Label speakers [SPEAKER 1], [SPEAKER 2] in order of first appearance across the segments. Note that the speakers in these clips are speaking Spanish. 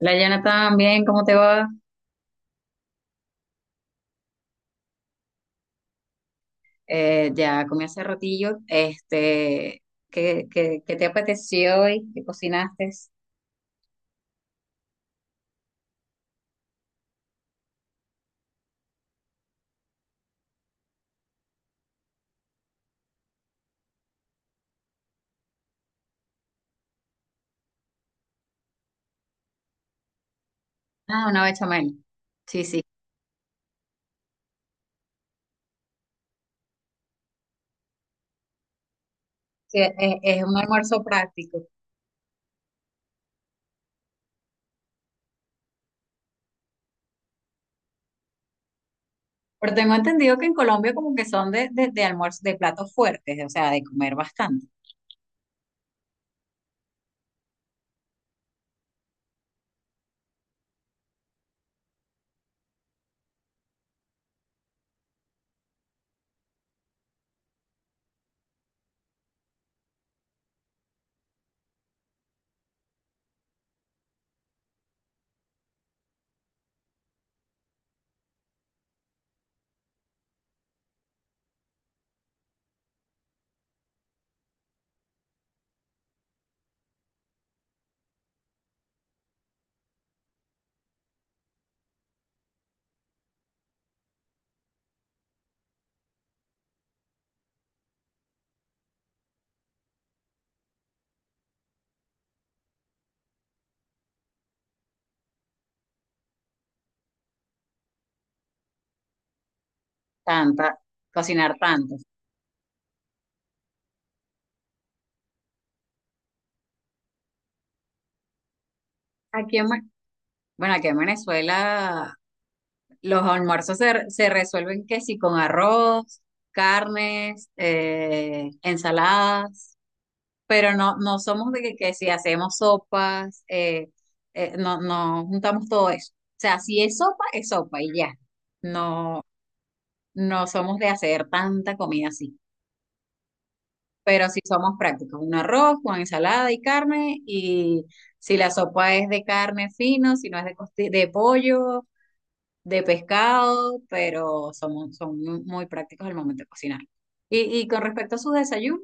[SPEAKER 1] Hola Jonathan, bien, ¿cómo te va? Ya comí hace ratillo. Este, ¿qué te apeteció hoy? ¿Qué cocinaste? Ah, una bechamel. Sí, sí. Sí, es un almuerzo práctico. Pero tengo entendido que en Colombia como que son de almuerzo, de platos fuertes, o sea, de comer bastante, tanta, cocinar tanto. Aquí en, Ve- bueno, aquí en Venezuela los almuerzos se resuelven que sí con arroz, carnes, ensaladas. Pero no, no somos de que si hacemos sopas, no, no juntamos todo eso. O sea, si es sopa, es sopa y ya. No, no somos de hacer tanta comida así. Pero sí somos prácticos, un arroz con ensalada y carne, y si la sopa es de carne fino, si no es de pollo, de pescado, pero son muy, muy prácticos al momento de cocinar. Y con respecto a sus desayunos,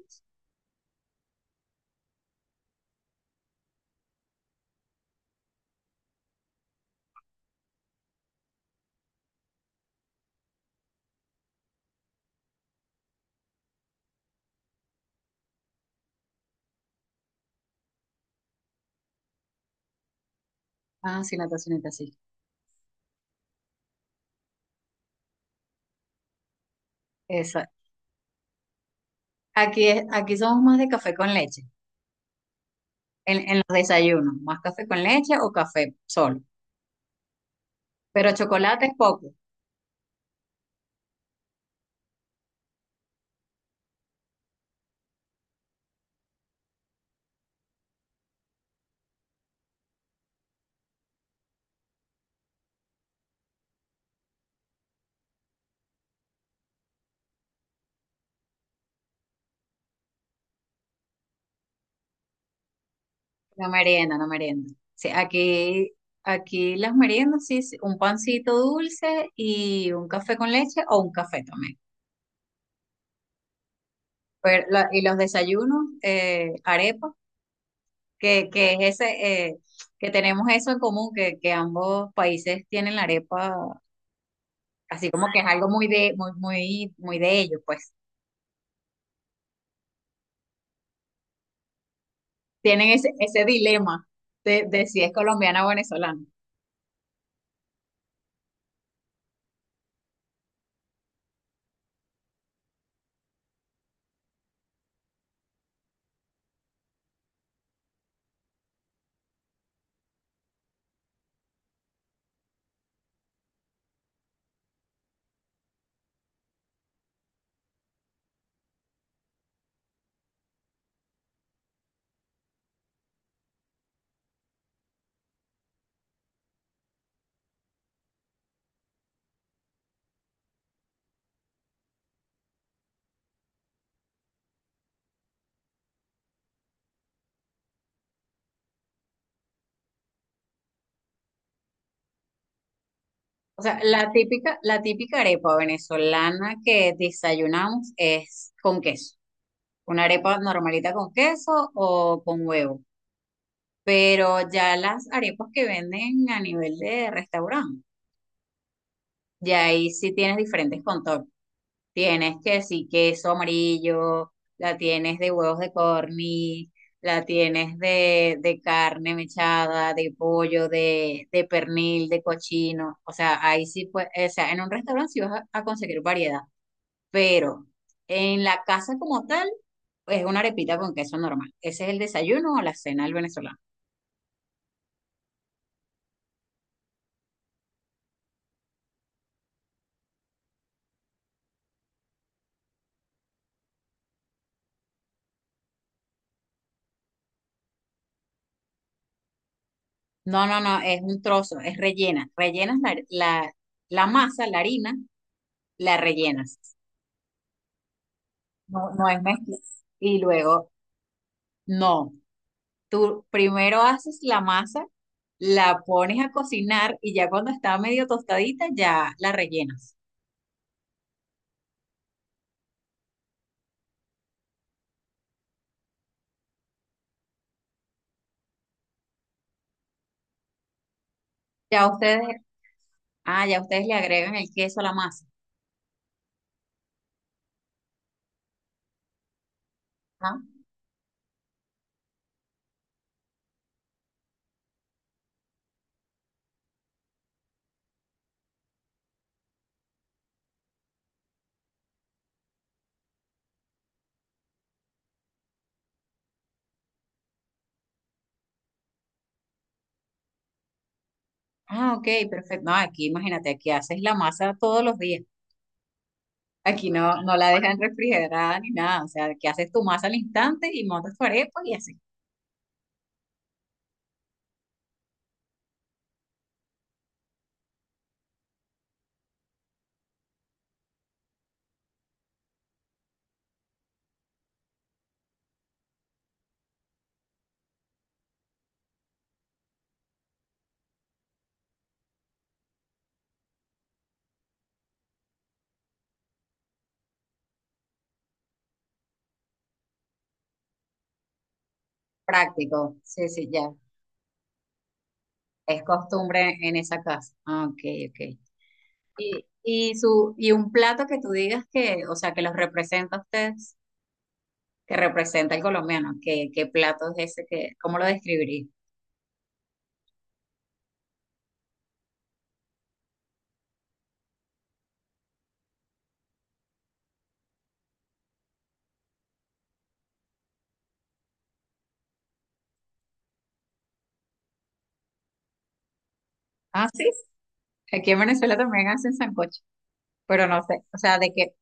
[SPEAKER 1] ah, sí, la tocineta, sí. Aquí, aquí somos más de café con leche, en los desayunos, más café con leche o café solo, pero chocolate es poco, no merienda, no merienda. Sí, aquí, aquí las meriendas, sí, sí, un pancito dulce y un café con leche o un café también. Pero, y los desayunos, arepa, que es ese, que tenemos eso en común, que ambos países tienen la arepa, así como que es algo muy de, muy, muy, muy de ellos, pues. Tienen ese, ese dilema de si es colombiana o venezolana. O sea, la típica arepa venezolana que desayunamos es con queso. Una arepa normalita con queso o con huevo. Pero ya las arepas que venden a nivel de restaurante, ya ahí sí tienes diferentes contornos. Tienes que sí, queso amarillo, la tienes de huevos de corny, la tienes de carne mechada, de pollo, de pernil, de cochino. O sea, ahí sí, pues, o sea, en un restaurante sí vas a conseguir variedad, pero en la casa como tal, es una arepita con queso normal. Ese es el desayuno o la cena del venezolano. No, no, no, es un trozo, es rellena. Rellenas la masa, la harina, la rellenas. No, no es mezcla. Y luego no, tú primero haces la masa, la pones a cocinar y ya cuando está medio tostadita ya la rellenas. Ya ustedes, ah, ya ustedes le agregan el queso a la masa. Ah, ok, perfecto. No, aquí imagínate, aquí haces la masa todos los días. Aquí no, no la dejan refrigerada ni nada. O sea, aquí haces tu masa al instante y montas tu arepa y así. Práctico. Sí, sí, ya. Es costumbre en esa casa. Ah, ok, ok. Y, su, y un plato que tú digas que, o sea, que los representa a ustedes, que representa al colombiano, ¿qué plato es ese? Que, ¿cómo lo describirías? Ah, sí, aquí en Venezuela también hacen sancocho, pero no sé, o sea,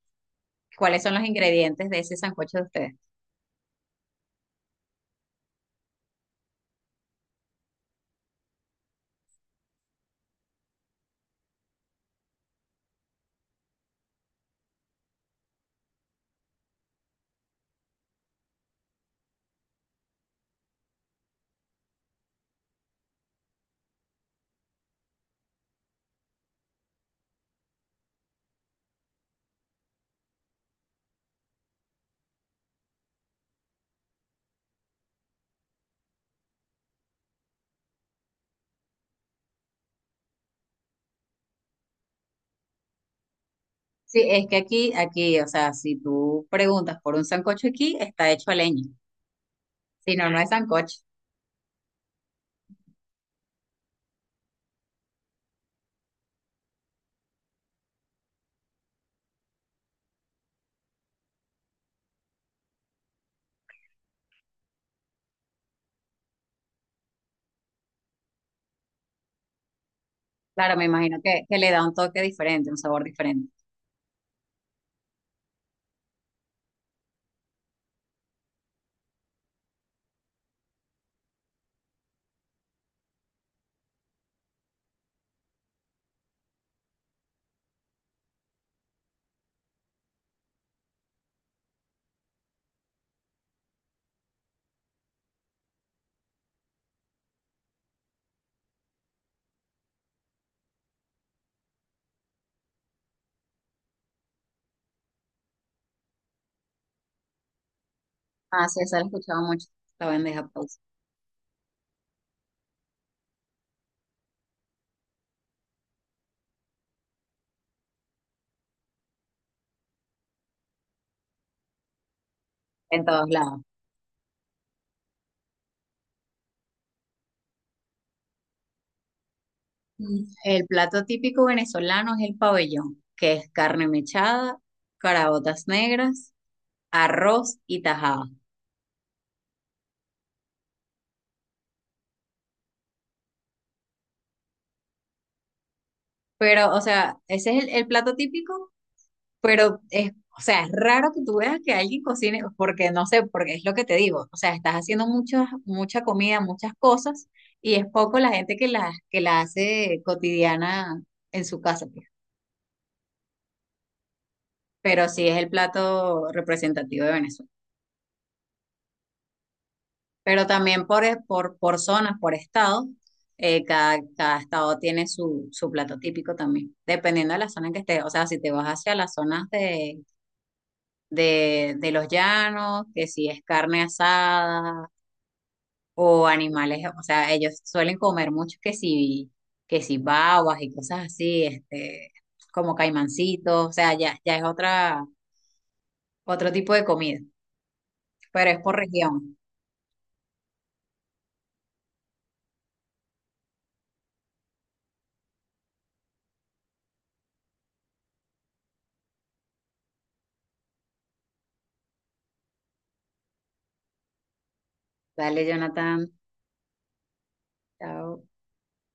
[SPEAKER 1] cuáles son los ingredientes de ese sancocho de ustedes. Sí, es que aquí, aquí, o sea, si tú preguntas por un sancocho aquí, está hecho a leña, si no, no es sancocho. Claro, me imagino que le da un toque diferente, un sabor diferente. Ah, sí, eso lo he escuchado mucho, la bandeja paisa, en todos lados. Mm. El plato típico venezolano es el pabellón, que es carne mechada, caraotas negras, arroz y tajada. Pero, o sea, ese es el plato típico, pero es, o sea, es raro que tú veas que alguien cocine, porque no sé, porque es lo que te digo. O sea, estás haciendo muchas, mucha comida, muchas cosas, y es poco la gente que la hace cotidiana en su casa. Pues. Pero sí es el plato representativo de Venezuela. Pero también por zonas, por estado, cada, cada estado tiene su, su plato típico también, dependiendo de la zona en que estés. O sea, si te vas hacia las zonas de los llanos, que si es carne asada o animales, o sea, ellos suelen comer mucho que si babas y cosas así, este, como caimancitos, o sea, ya, ya es otra, otro tipo de comida, pero es por región. Dale, Jonathan. Chao.